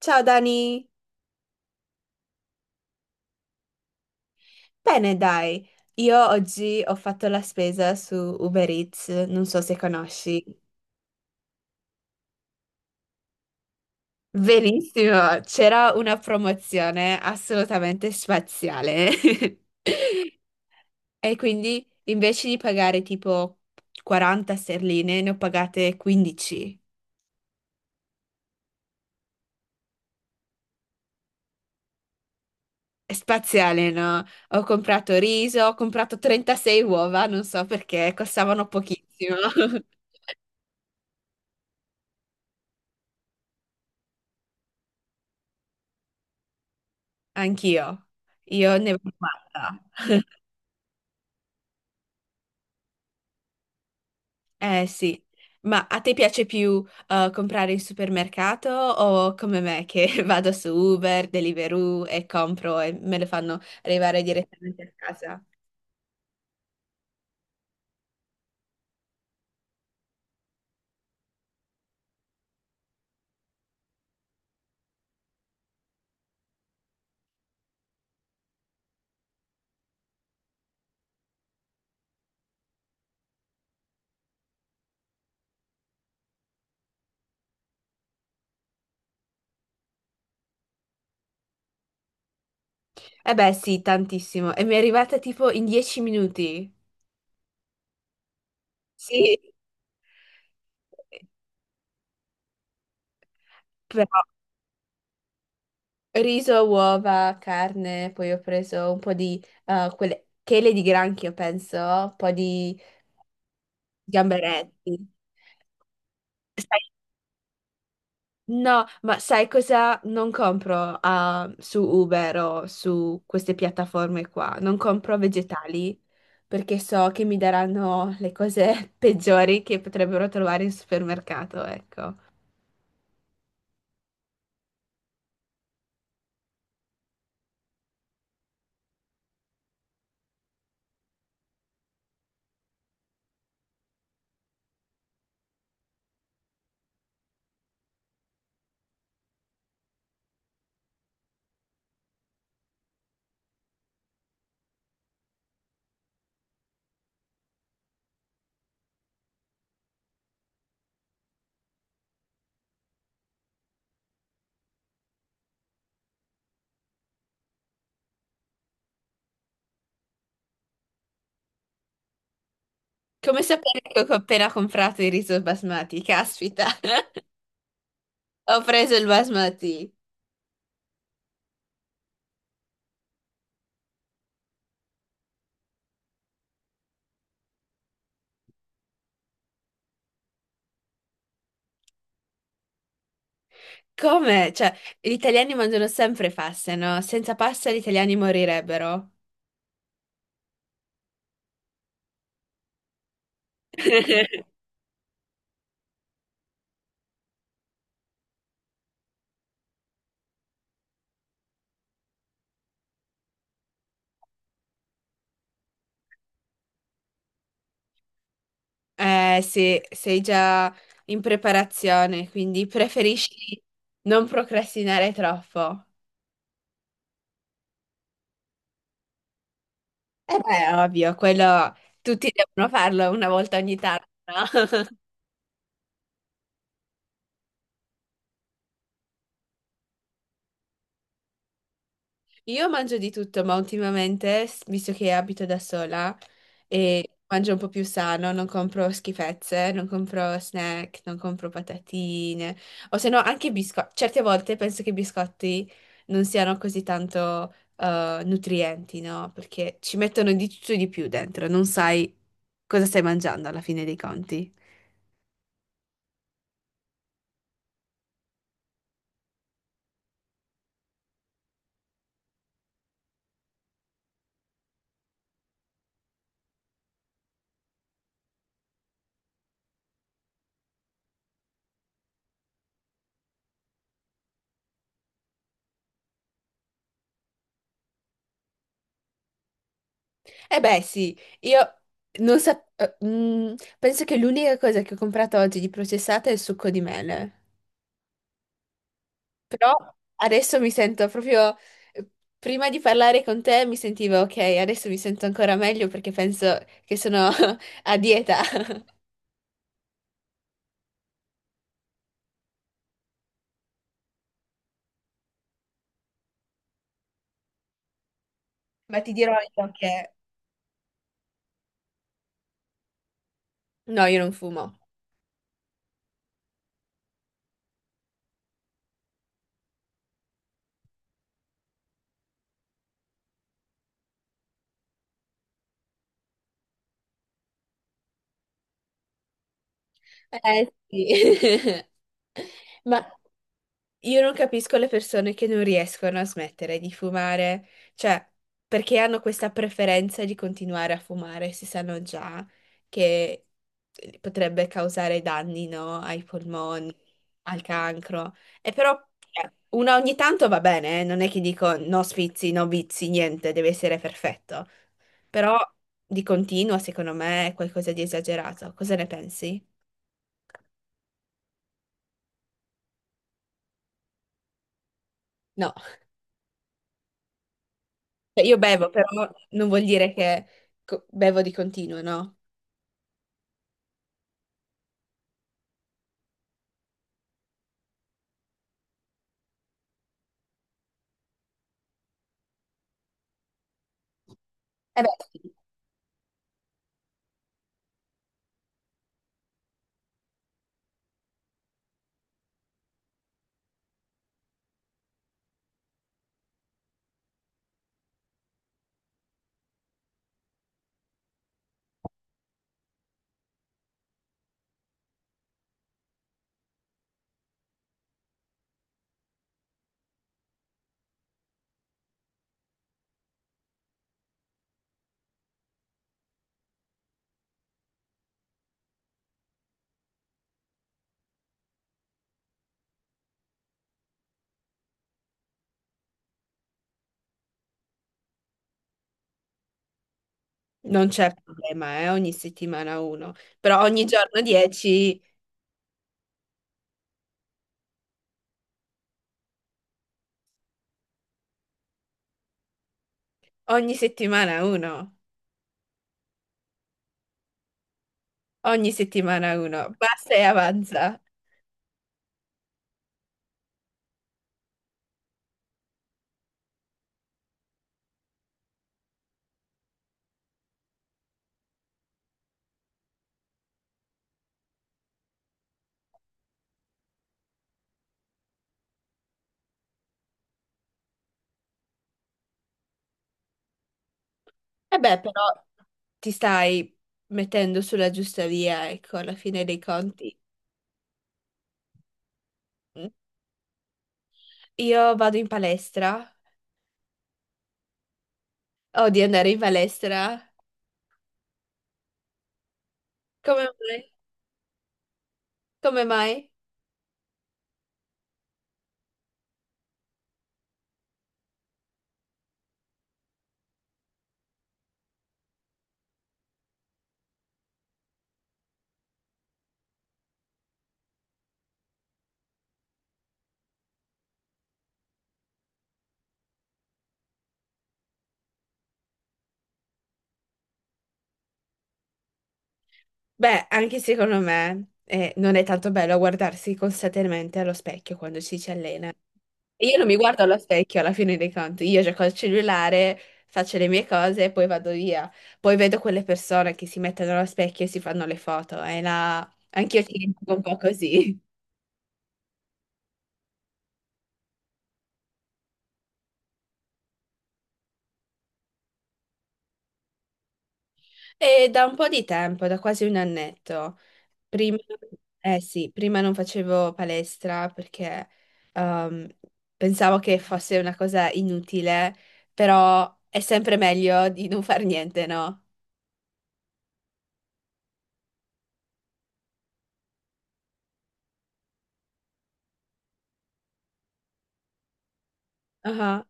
Ciao Dani, bene dai, io oggi ho fatto la spesa su Uber Eats, non so se conosci. Verissimo, c'era una promozione assolutamente spaziale. E quindi invece di pagare tipo 40 sterline, ne ho pagate 15. È spaziale, no? Ho comprato riso, ho comprato 36 uova, non so perché, costavano pochissimo. Anch'io, io ne ho fatta. Eh sì, ma a te piace più comprare in supermercato o come me che vado su Uber, Deliveroo e compro e me lo fanno arrivare direttamente a casa? Eh beh sì, tantissimo. E mi è arrivata tipo in 10 minuti. Sì, però riso, uova, carne, poi ho preso un po' di quelle chele di granchio, penso, un po' di gamberetti. No, ma sai cosa? Non compro su Uber o su queste piattaforme qua, non compro vegetali perché so che mi daranno le cose peggiori che potrebbero trovare in supermercato, ecco. Come sapere che ho appena comprato il riso basmati, caspita, ho preso il basmati. Come? Cioè, gli italiani mangiano sempre paste, no? Senza pasta gli italiani morirebbero. Sì, sei già in preparazione, quindi preferisci non procrastinare troppo. Eh beh, è ovvio, quello tutti devono farlo una volta ogni tanto, no? Io mangio di tutto, ma ultimamente, visto che abito da sola e mangio un po' più sano, non compro schifezze, non compro snack, non compro patatine, o se no anche biscotti. Certe volte penso che i biscotti non siano così tanto nutrienti, no? Perché ci mettono di tutto e di più dentro, non sai cosa stai mangiando alla fine dei conti. Eh beh, sì, io non sapevo. Penso che l'unica cosa che ho comprato oggi di processata è il succo di mele. Però adesso mi sento proprio, eh, prima di parlare con te mi sentivo ok, adesso mi sento ancora meglio perché penso che sono a dieta. Ma ti dirò io che... No, io non fumo. Eh sì. Ma io non capisco le persone che non riescono a smettere di fumare, cioè perché hanno questa preferenza di continuare a fumare se sanno già che potrebbe causare danni, no, ai polmoni, al cancro. E però una ogni tanto va bene, eh. Non è che dico no sfizi, no vizi, niente, deve essere perfetto. Però di continuo, secondo me, è qualcosa di esagerato. Cosa ne pensi? No, cioè, io bevo, però non vuol dire che bevo di continuo, no? Eh beh, sì. Non c'è problema, ogni settimana uno, però ogni giorno 10, ogni settimana uno, ogni settimana uno, basta e avanza. Eh beh, però ti stai mettendo sulla giusta via, ecco, alla fine dei conti. Mm. Io vado in palestra, odio andare in palestra. Come mai? Come mai? Beh, anche secondo me non è tanto bello guardarsi costantemente allo specchio quando ci si allena. E io non mi guardo allo specchio alla fine dei conti, io gioco al cellulare, faccio le mie cose e poi vado via. Poi vedo quelle persone che si mettono allo specchio e si fanno le foto e là anch'io ci rimango un po' così. E da un po' di tempo, da quasi un annetto. Prima, eh sì, prima non facevo palestra perché ehm, pensavo che fosse una cosa inutile, però è sempre meglio di non far niente, no? Ah.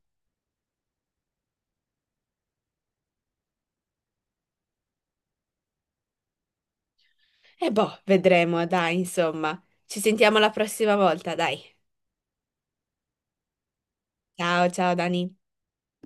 E boh, vedremo, dai, insomma. Ci sentiamo la prossima volta, dai. Ciao, ciao Dani.